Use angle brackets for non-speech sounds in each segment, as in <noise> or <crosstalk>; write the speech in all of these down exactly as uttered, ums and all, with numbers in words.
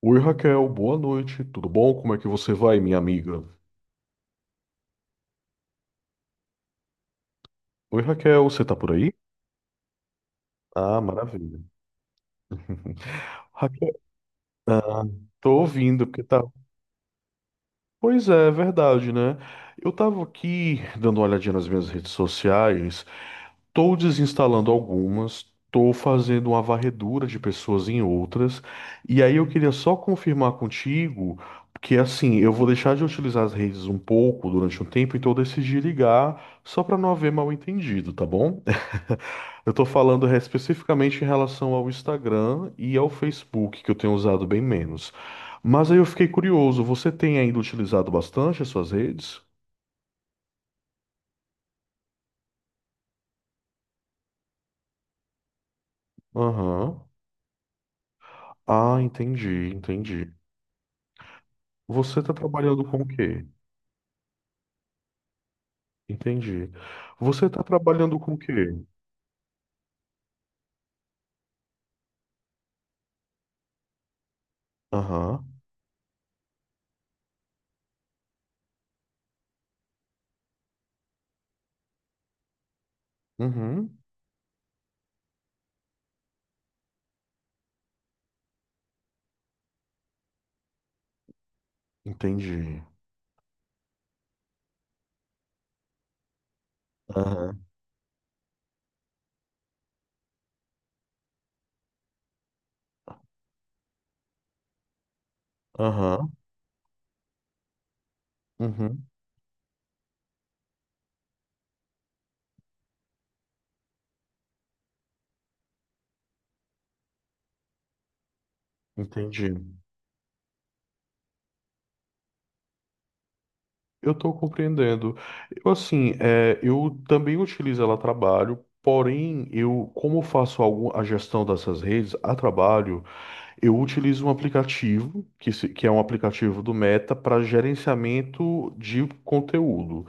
Oi, Raquel, boa noite, tudo bom? Como é que você vai, minha amiga? Oi, Raquel, você tá por aí? Ah, maravilha. Raquel, tô ouvindo, porque tá. Pois é, é verdade, né? Eu tava aqui dando uma olhadinha nas minhas redes sociais. Estou desinstalando algumas, estou fazendo uma varredura de pessoas em outras, e aí eu queria só confirmar contigo que, assim, eu vou deixar de utilizar as redes um pouco durante um tempo, então eu decidi ligar só para não haver mal entendido, tá bom? <laughs> Eu estou falando é, especificamente em relação ao Instagram e ao Facebook, que eu tenho usado bem menos. Mas aí eu fiquei curioso, você tem ainda utilizado bastante as suas redes? Aham. Ah, entendi, entendi. Você está trabalhando com o quê? Entendi. Você está trabalhando com o quê? Aham. Uhum. Entendi. Aham. Aham. Uhum. Entendi. Eu estou compreendendo. Eu, assim, é, eu também utilizo ela a trabalho, porém, eu, como faço algum, a gestão dessas redes a trabalho, eu utilizo um aplicativo, que, se- que é um aplicativo do Meta, para gerenciamento de conteúdo.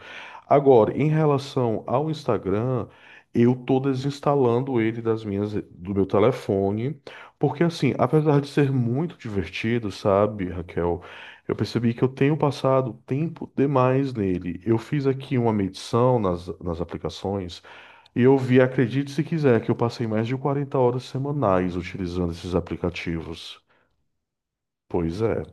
Agora, em relação ao Instagram, eu estou desinstalando ele das minhas, do meu telefone, porque, assim, apesar de ser muito divertido, sabe, Raquel, eu percebi que eu tenho passado tempo demais nele. Eu fiz aqui uma medição nas, nas aplicações. E eu vi, acredite se quiser, que eu passei mais de quarenta horas semanais utilizando esses aplicativos. Pois é.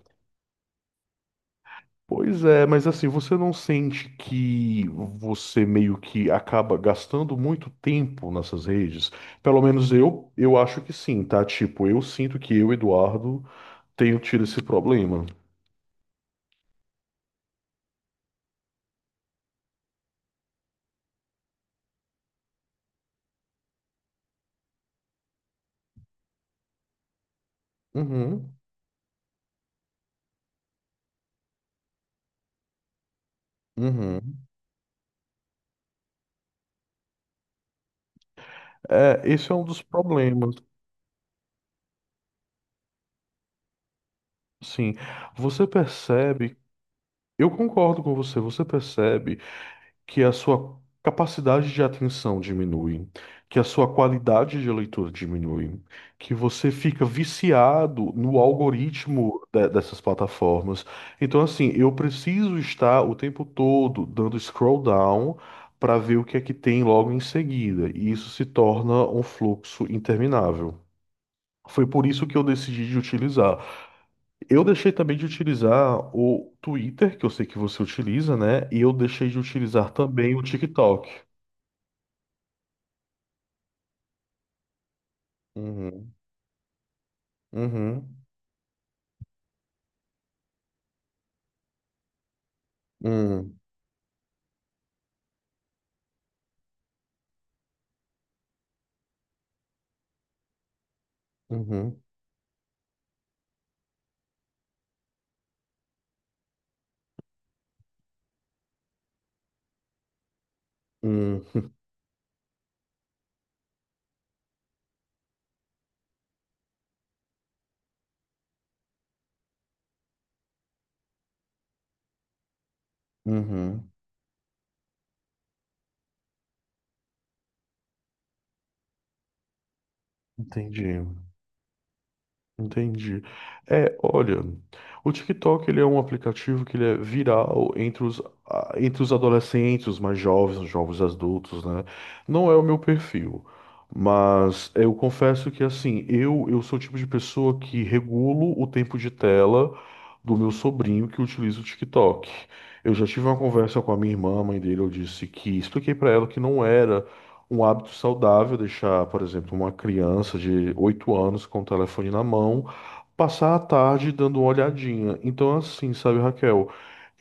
Pois é, mas, assim, você não sente que você meio que acaba gastando muito tempo nessas redes? Pelo menos eu, eu acho que sim, tá? Tipo, eu sinto que eu, Eduardo, tenho tido esse problema. Uhum, uhum. é esse é um dos problemas, sim. Você percebe, eu concordo com você, você percebe que a sua capacidade de atenção diminui, que a sua qualidade de leitura diminui, que você fica viciado no algoritmo de- dessas plataformas. Então, assim, eu preciso estar o tempo todo dando scroll down para ver o que é que tem logo em seguida, e isso se torna um fluxo interminável. Foi por isso que eu decidi de utilizar. Eu deixei também de utilizar o Twitter, que eu sei que você utiliza, né? E eu deixei de utilizar também o TikTok. Uhum. Uhum. Uhum. Uhum. Uhum. <laughs> Uhum. Entendi. Entendi. É, olha, o TikTok ele é um aplicativo que ele é viral entre os, a- entre os adolescentes, os mais jovens, os jovens adultos, né? Não é o meu perfil, mas eu confesso que, assim, eu eu sou o tipo de pessoa que regulo o tempo de tela do meu sobrinho que utiliza o TikTok. Eu já tive uma conversa com a minha irmã, a mãe dele, eu disse que expliquei para ela que não era um hábito saudável, deixar, por exemplo, uma criança de oito anos com o telefone na mão, passar a tarde dando uma olhadinha. Então, assim, sabe, Raquel,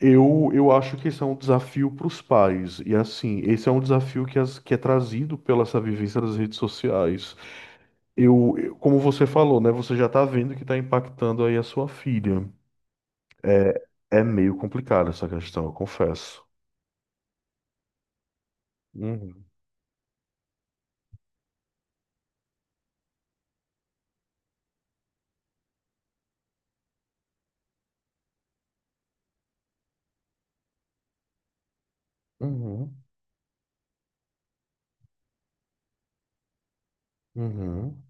eu, eu acho que esse é um desafio para os pais. E, assim, esse é um desafio que, as- que é trazido pela essa vivência das redes sociais. Eu, eu- como você falou, né, você já está vendo que está impactando aí a sua filha. É, é meio complicada essa questão, eu confesso. Uhum, uhum, uhum.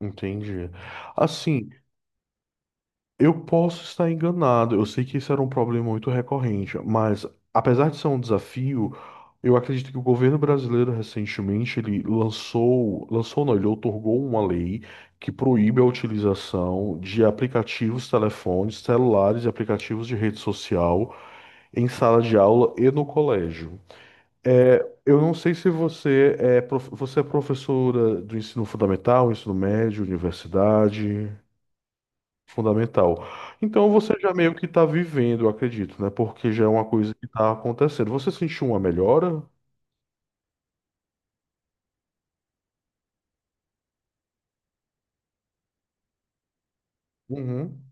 Entendi. Assim, eu posso estar enganado, eu sei que isso era um problema muito recorrente, mas, apesar de ser um desafio, eu acredito que o governo brasileiro recentemente ele lançou, lançou não, ele outorgou uma lei que proíbe a utilização de aplicativos, telefones, celulares e aplicativos de rede social em sala de aula e no colégio. É, eu não sei se você é, prof- você é professora do ensino fundamental, ensino médio, universidade. Fundamental. Então você já meio que está vivendo, eu acredito, né? Porque já é uma coisa que está acontecendo. Você sentiu uma melhora? Uhum.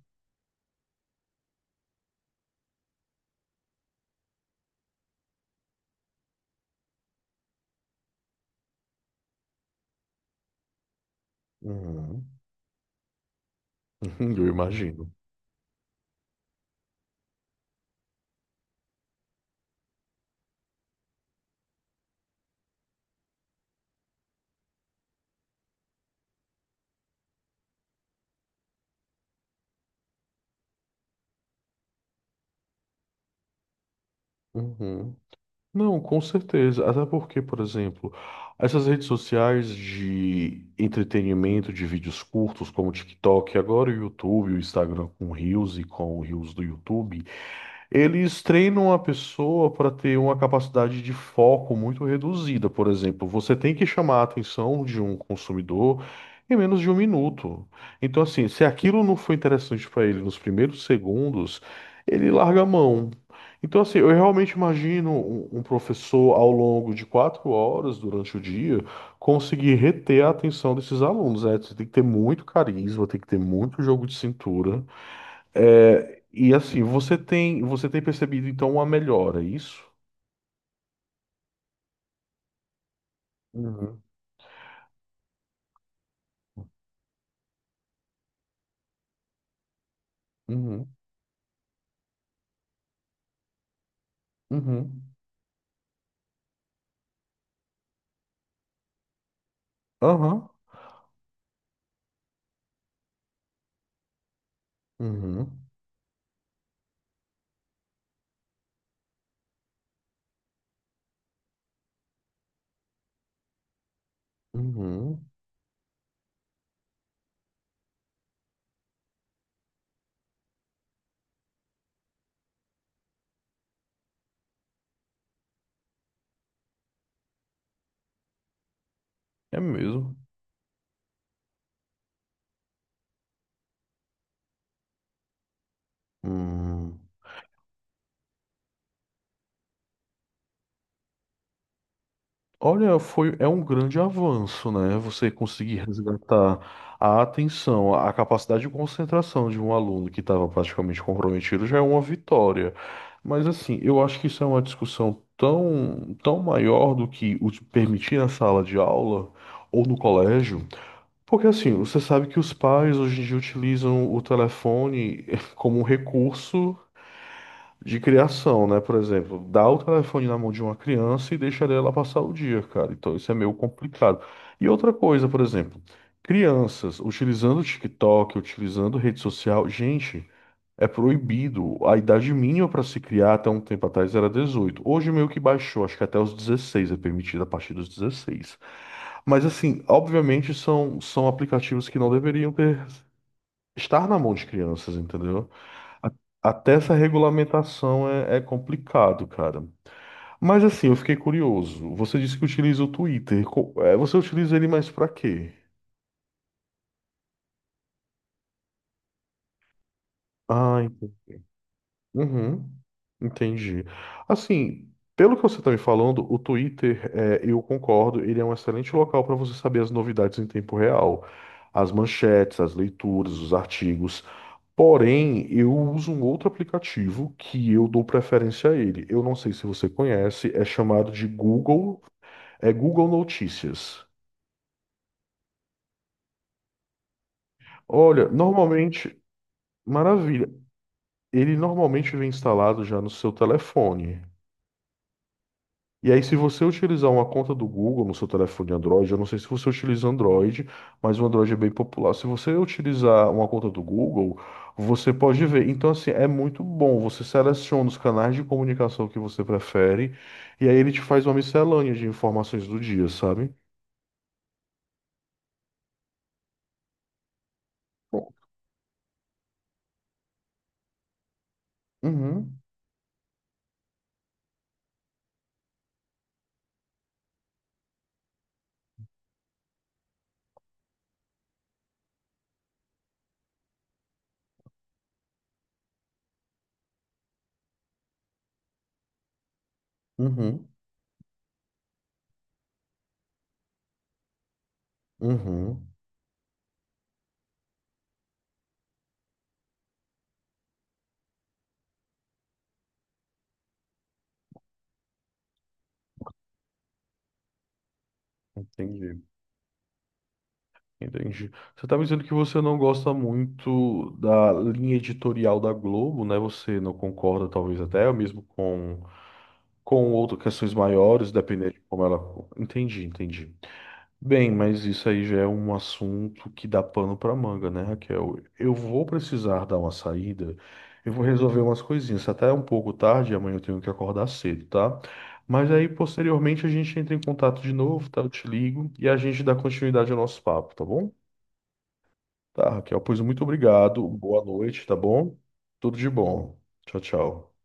Uhum. <laughs> Uhum, eu imagino. Uhum. Não, com certeza. Até porque, por exemplo, essas redes sociais de entretenimento, de vídeos curtos, como o TikTok, agora o YouTube, o Instagram com Reels e com o Reels do YouTube. Eles treinam a pessoa para ter uma capacidade de foco muito reduzida, por exemplo. Você tem que chamar a atenção de um consumidor em menos de um minuto. Então, assim, se aquilo não foi interessante para ele nos primeiros segundos, ele larga a mão. Então, assim, eu realmente imagino um um professor ao longo de quatro horas durante o dia conseguir reter a atenção desses alunos, né? Você tem que ter muito carisma, tem que ter muito jogo de cintura. É, e, assim, você tem, você tem percebido então uma melhora, é isso? Uhum, uhum, uhum, aham, uhum, uhum, é mesmo. Hum. Olha, foi, é um grande avanço, né? Você conseguir resgatar a atenção, a capacidade de concentração de um aluno que estava praticamente comprometido já é uma vitória. Mas, assim, eu acho que isso é uma discussão tão, tão maior do que o de permitir na sala de aula ou no colégio. Porque, assim, você sabe que os pais hoje em dia utilizam o telefone <laughs> como um recurso de criação, né? Por exemplo, dá o telefone na mão de uma criança e deixa ela passar o dia, cara. Então isso é meio complicado. E outra coisa, por exemplo, crianças utilizando o TikTok, utilizando rede social, gente. É proibido. A idade mínima para se criar até um tempo atrás era dezoito. Hoje meio que baixou, acho que até os dezesseis é permitido a partir dos dezesseis. Mas, assim, obviamente são, são aplicativos que não deveriam ter estar na mão de crianças, entendeu? A- Até essa regulamentação é, é complicado, cara. Mas, assim, eu fiquei curioso. Você disse que utiliza o Twitter. Co- é, Você utiliza ele mais para quê? Ah, uhum, entendi. Assim, pelo que você está me falando, o Twitter, é, eu concordo, ele é um excelente local para você saber as novidades em tempo real, as manchetes, as leituras, os artigos. Porém, eu uso um outro aplicativo que eu dou preferência a ele. Eu não sei se você conhece, é chamado de Google, é Google Notícias. Olha, normalmente, maravilha, ele normalmente vem instalado já no seu telefone. E aí, se você utilizar uma conta do Google no seu telefone Android, eu não sei se você utiliza Android, mas o Android é bem popular. Se você utilizar uma conta do Google, você pode ver. Então, assim, é muito bom. Você seleciona os canais de comunicação que você prefere, e aí ele te faz uma miscelânea de informações do dia, sabe? Bom, uhum, uhum, uhum. Entendi, entendi. Você tá me dizendo que você não gosta muito da linha editorial da Globo, né? Você não concorda, talvez até mesmo com com outras questões maiores, dependendo de como ela. Entendi, entendi. Bem, mas isso aí já é um assunto que dá pano para manga, né, Raquel? Eu vou precisar dar uma saída, eu vou resolver umas coisinhas. Até é um pouco tarde, amanhã eu tenho que acordar cedo, tá? Mas aí, posteriormente, a gente entra em contato de novo, tá? Eu te ligo e a gente dá continuidade ao nosso papo, tá bom? Tá, Raquel, pois muito obrigado, boa noite, tá bom? Tudo de bom. Tchau, tchau.